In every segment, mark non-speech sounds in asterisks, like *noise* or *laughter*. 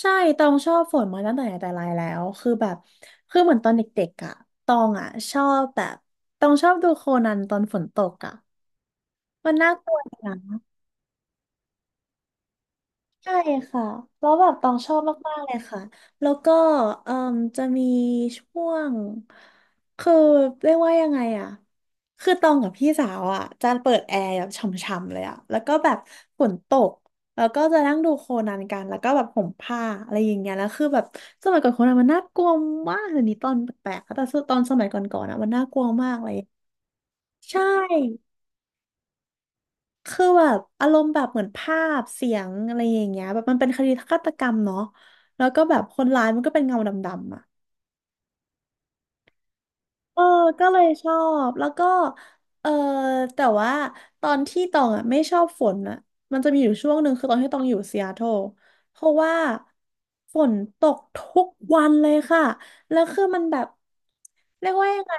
ใช่ตองชอบฝนมาตั้งแต่ไหนแต่ไรแล้ว คือแบบ คือเหมือนตอนเด็กๆอ่ะตองอ่ะชอบแบบตองชอบดูโคนันตอนฝนตกอ่ะมันน่ากลัวนะ ใช่ค่ะแล้วแบบตองชอบมากๆเลยค่ะแล้วก็เอ่มจะมีช่วงคือเรียกว่ายังไงอะคือตองกับพี่สาวอะจะเปิดแอร์แบบช่ำๆเลยอะแล้วก็แบบฝนตกแล้วก็จะนั่งดูโคนันกันแล้วก็แบบห่มผ้าอะไรอย่างเงี้ยแล้วคือแบบสมัยก่อนโคนันมันน่ากลัวมากเดี๋ยวนี้ตอนแปลกๆแต่ตอนสมัยก่อนๆอะมันน่ากลัวมากเลยใช่ คือแบบอารมณ์แบบเหมือนภาพเสียงอะไรอย่างเงี้ยแบบมันเป็นคดีฆาตกรรมเนาะแล้วก็แบบคนร้ายมันก็เป็นเงาดำๆอ่ะเออก็เลยชอบแล้วก็เออแต่ว่าตอนที่ตองอ่ะไม่ชอบฝนอ่ะมันจะมีอยู่ช่วงหนึ่งคือตอนที่ตองอยู่ซีแอตเทิลเพราะว่าฝนตกทุกวันเลยค่ะแล้วคือมันแบบเรียกว่ายังไง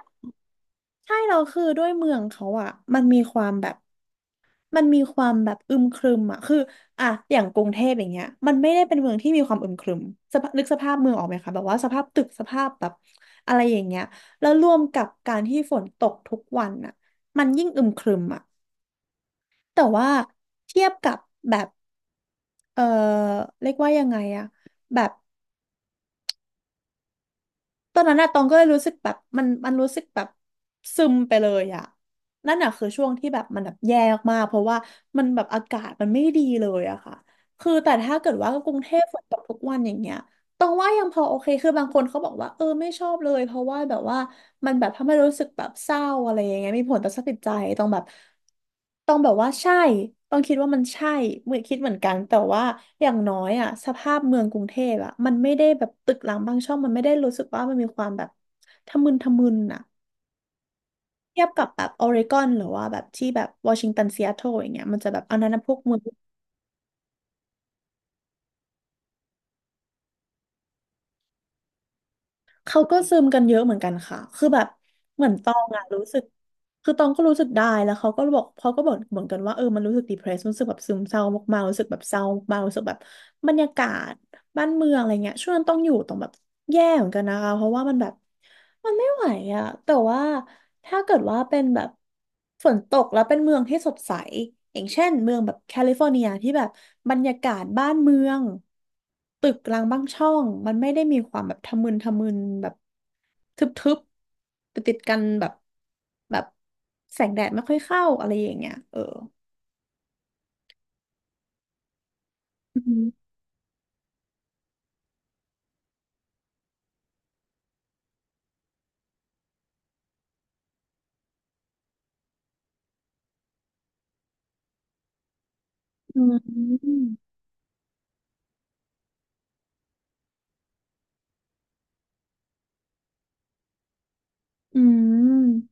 ใช่เราคือด้วยเมืองเขาอะมันมีความแบบ มันมีความแบบอึมครึมอ่ะคืออ่ะอย่างกรุงเทพอย่างเงี้ยมันไม่ได้เป็นเมืองที่มีความอึมครึมสภาพนึกสภาพเมืองออกไหมคะแบบว่าสภาพตึกสภาพแบบอะไรอย่างเงี้ยแล้วรวมกับการที่ฝนตกทุกวันอะมันยิ่งอึมครึมอะแต่ว่าเทียบกับแบบเออเรียกว่ายังไงอะแบบ ตอนนั้นอะตองก็เลยรู้สึกแบบมันรู้สึกแบบซึมไปเลยอะนั่นอะคือช่วงที่แบบมันแบบแย่มากๆเพราะว่ามันแบบอากาศมันไม่ดีเลยอะค่ะ คือแต่ถ้าเกิดว่ากรุงเทพฝนตกทุกวันอย่างเงี้ย ตรงว่ายังพอโอเคคือบางคนเขาบอกว่าเออไม่ชอบเลยเพราะว่าแบบว่ามันแบบทำให้รู้สึกแบบเศร้าอะไรอย่างเงี้ยมีผลต่อสภาพจิตใจต้องแบบต้องแบบว่าใช่ต้องคิดว่ามันใช่เหมือนคิดเหมือนกันแต่ว่าอย่างน้อยอ่ะสภาพเมืองกรุงเทพอ่ะมันไม่ได้แบบตึกรามบางช่องมันไม่ได้รู้สึกว่ามันมีความแบบทะมึนทะมึนอ่ะเทียบกับแบบออริกอนหรือว่าแบบที่แบบวอชิงตันซีแอตเทิลอย่างเงี้ยมันจะแบบอันนั้นนะพวกเมือง เขาก็ซึมกันเยอะเหมือนกันค่ะ คือแบบเหมือนตองอะรู้สึก คือตองก็รู้สึกได้แล้วเขาก็บอกเหมือนกันว่าเออมันรู้สึก depressed รู้สึกแบบซึมเศร้ามากๆรู้สึกแบบเศร้ามากๆรู้สึกแบบบรรยากาศบ้านเมืองอะไรเงี้ยช่วงนั้นต้องอยู่ตรงแบบ แย่เหมือนกันนะคะเพราะว่ามันแบบมันไม่ไหวอะแต่ว่าถ้าเกิดว่าเป็นแบบฝนตกแล้วเป็นเมืองที่สดใสอย่างเช่นเมืองแบบแคลิฟอร์เนียที่แบบบรรยากาศบ้านเมืองตึกรางบ้างช่องมันไม่ได้มีความแบบทะมึนทะมึนแบบทึบๆติดกันแบบแบบแสงแดดไม่ค่อยเข้าอะไรอย่างเงี้ยเอออืมอืมอืม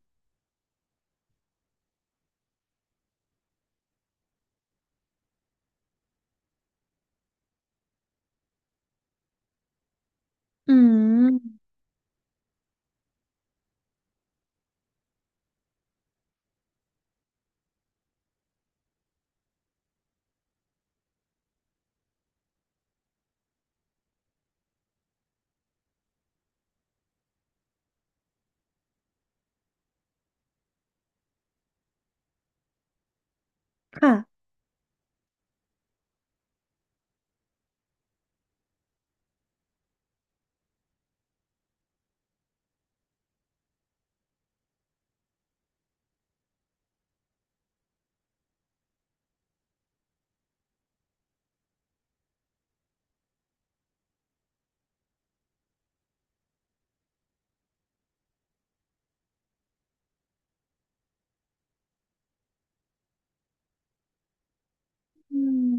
อืมค่ะอืม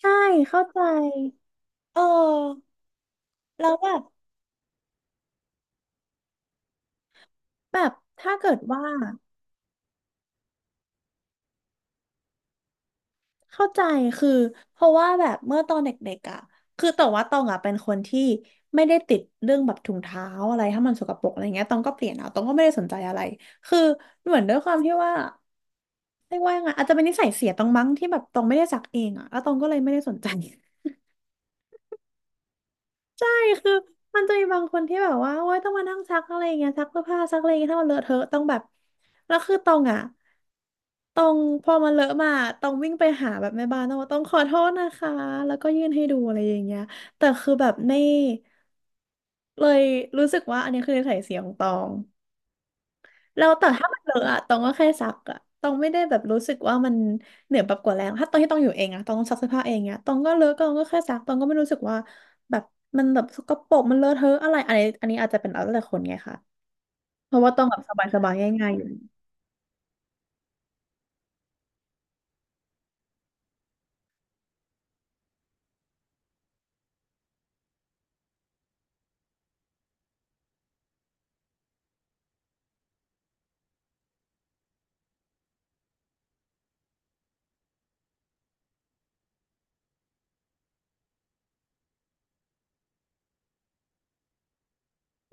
ใช่เข้าใจ เออแล้วแบบแบบถ้าเกิดว่าเข้าใจคือเพราะว่าแบบเมื่อตอนเด็กๆอ่ะคือแต่ว่าตองอ่ะเป็นคนที่ไม่ได้ติดเรื่องแบบถุงเท้าอะไรถ้ามันสกปรกอะไรเงี้ยตองก็เปลี่ยนเอาตองก็ไม่ได้สนใจอะไรคือเหมือนด้วยความที่ว่าเรียกว่ายังไงอาจจะเป็นนิสัยเสียตองมั้งที่แบบตองไม่ได้ซักเองอ่ะแล้วตองก็เลยไม่ได้สนใจ *laughs* ใช่คือมันจะมีบางคนที่แบบว่าโอ๊ยต้องมานั่งซักอะไรอย่างเงี้ยซักเสื้อผ้าซักอะไรอย่างเงี้ยถ้ามันเลอะเทอะต้องแบบแล้วคือตองอ่ะ ต้องพอมันเลอะมาต้องวิ่งไปหาแบบแม่บ้านต้องว่าต้องขอโทษนะคะแล้วก็ยื่นให้ดูอะไรอย่างเงี้ยแต่คือแบบไม่เลยรู้สึกว่าอันนี้คือนิสัยเสียของตองแล้วแต่ถ้ามันเลอะอะตองก็แค่ซักอะตองไม่ได้แบบรู้สึกว่ามันเหนือแบบกว่าแรงถ้าตอนที่ตองอยู่เองอะตองต้องซักเสื้อผ้าเองเนี้ยตองก็เลอะก็ตองก็แค่ซักตองก็ไม่รู้สึกว่าแบบมันแบบสกปรกมันเลอะเทอะอะไรอันนี้อาจจะเป็นแล้วแต่คนไงคะเพราะว่าตองแบบสบายๆง่ายๆอยู่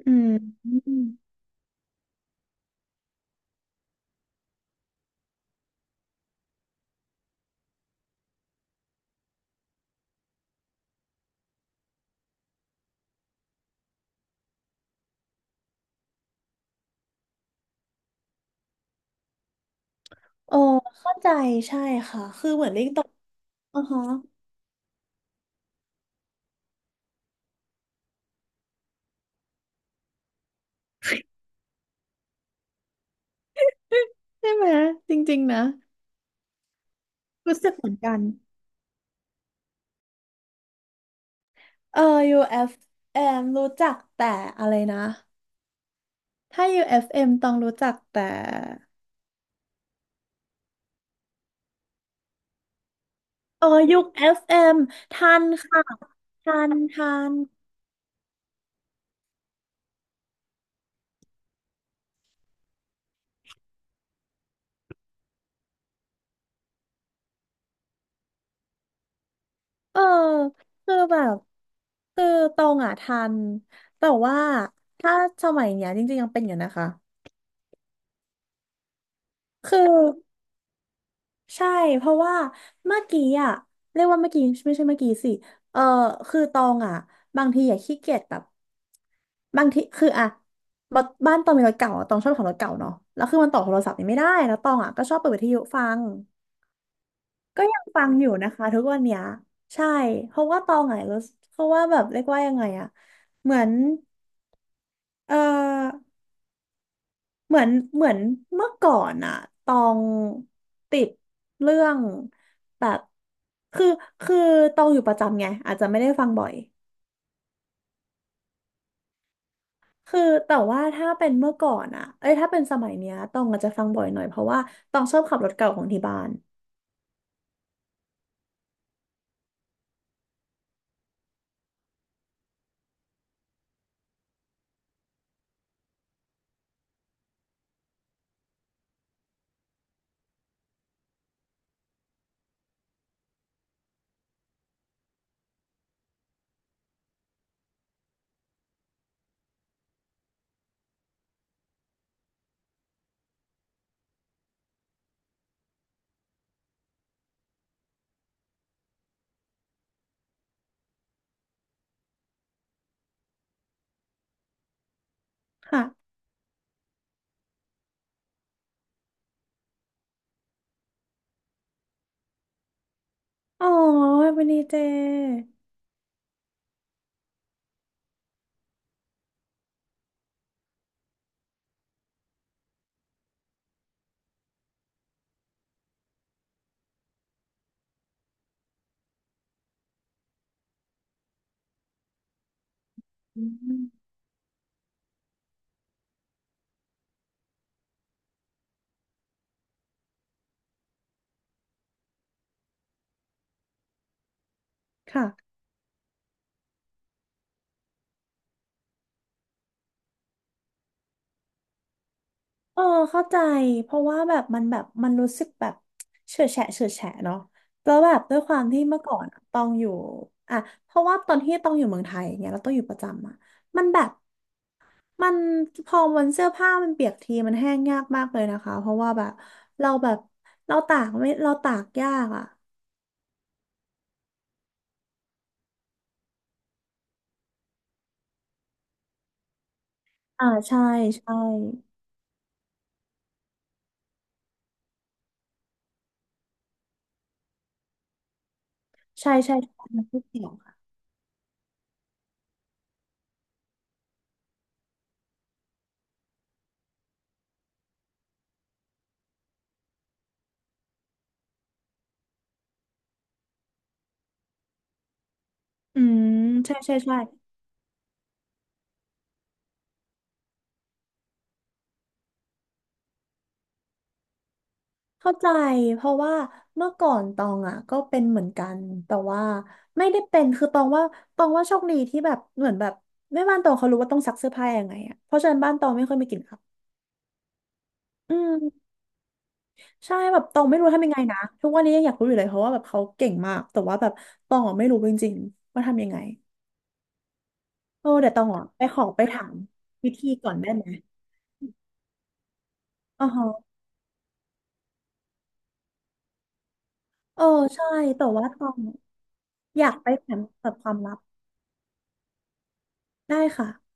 อืม เออเข้าใจใช่ค่ะคือเหมือนลิงตกอือฮะใช่ไหมจริงๆนะรู้สึกเหมือนกันเออ UFM รู้จักแต่อะไรนะถ้า UFM ต้องรู้จักแต่เออยุค FM ทันค่ะทันเออคือแบบคือตรงอ่ะทันแต่ว่าถ้าสมัยเนี้ยจริงๆยังเป็นอยู่นะคะคือ ใช่เพราะว่าเมื่อกี้อ่ะเรียกว่าเมื่อกี้ไม่ใช่เมื่อกี้สิเออคือตองอ่ะบางทีอย่กขี้เกียจแบบบางทีคืออ่ะบบ้านตองมีรถเก่าอะตองชอบขับรถเก่าเนาะแล้วคือมันต่อโทรศัพท์นี่ไม่ได้แล้วตองอ่ะก็ชอบเปิดวิทยุฟังก็ยังฟังอยู่นะคะทุกวันเนี้ยใช่เพราะว่าตองอ่ะรู้สึกเพราะว่าแบบเรียกว่ายังไงอ่ะเหมือนเออ เหมือนเหมือนเมื่อก่อนอะตองติดเรื่องแบบคือคือตองอยู่ประจำไงอาจจะไม่ได้ฟังบ่อยคือแต่ว่าถ้าเป็นเมื่อก่อนอะเอ้ยถ้าเป็นสมัยเนี้ยตองอาจจะฟังบ่อยหน่อยเพราะว่าตองชอบขับรถเก่าของที่บ้านค่ะอ๋อวันนี้เจอืมค่ะ เออเข้าใจเพราะว่าแบบมันแบบมันรู้สึกแบบเฉื่อยแฉะเฉื่อยแฉะเนาะแล้วแบบด้วยความที่เมื่อก่อนอะตองอยู่อ่ะเพราะว่าตอนที่ตองอยู่เมืองไทยอย่างเงี้ยแล้วตองอยู่ประจำอะมันแบบมันพอวันเสื้อผ้ามันเปียกทีมันแห้งยากมากเลยนะคะเพราะว่าแบบเราแบบเราตากไม่เราตากยากอ่ะอ่าใช่ใช่ใช่ใช่ใช่มันไม่เกี่ยวค่ะอืมใช่ใช่ใช่ เข้าใจเพราะว่าเมื่อก่อนตองอ่ะก็เป็นเหมือนกันแต่ว่าไม่ได้เป็นคือตองว่าตองว่าโชคดีที่แบบเหมือนแบบแม่บ้านตองเขารู้ว่าต้องซักเสื้อผ้ายังไงอ่ะเพราะฉะนั้นบ้านตองไม่ค่อยมีกลิ่นอับอืมใช่แบบตองไม่รู้ทำยังไงนะทุกวันนี้ยังอยากรู้อยู่เลยเพราะว่าแบบเขาเก่งมากแต่ว่าแบบตองอ่ะไม่รู้จริงๆว่าทำยังไงเออเดี๋ยวตองอ่ะไปขอไปถามวิธีก่อนได้ไหมอ๋อฮะเออใช่แต่ว่าตองอยากไปถามแบบความลับได้ค่ะ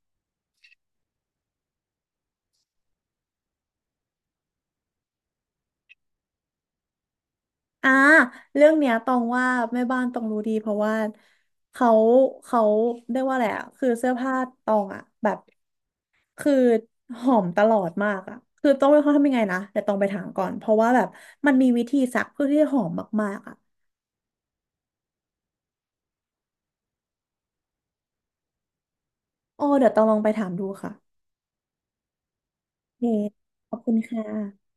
อ่าเรื่องเนี้ยตองว่าแม่บ้านตองรู้ดีเพราะว่าเขาเขาเรียกว่าอะไรอ่ะคือเสื้อผ้าตองอ่ะแบบคือหอมตลอดมากอ่ะคือต้องไม่เขาทำยังไงนะเดี๋ยวตองไปถามก่อนเพราะว่าแบบมันมีวิธีซักเพื่อที่จะหอมมากๆอ่ะอ๋อเดี๋ยวตองลองไปถามดูค่ะโอเคขอบคุณค่ะ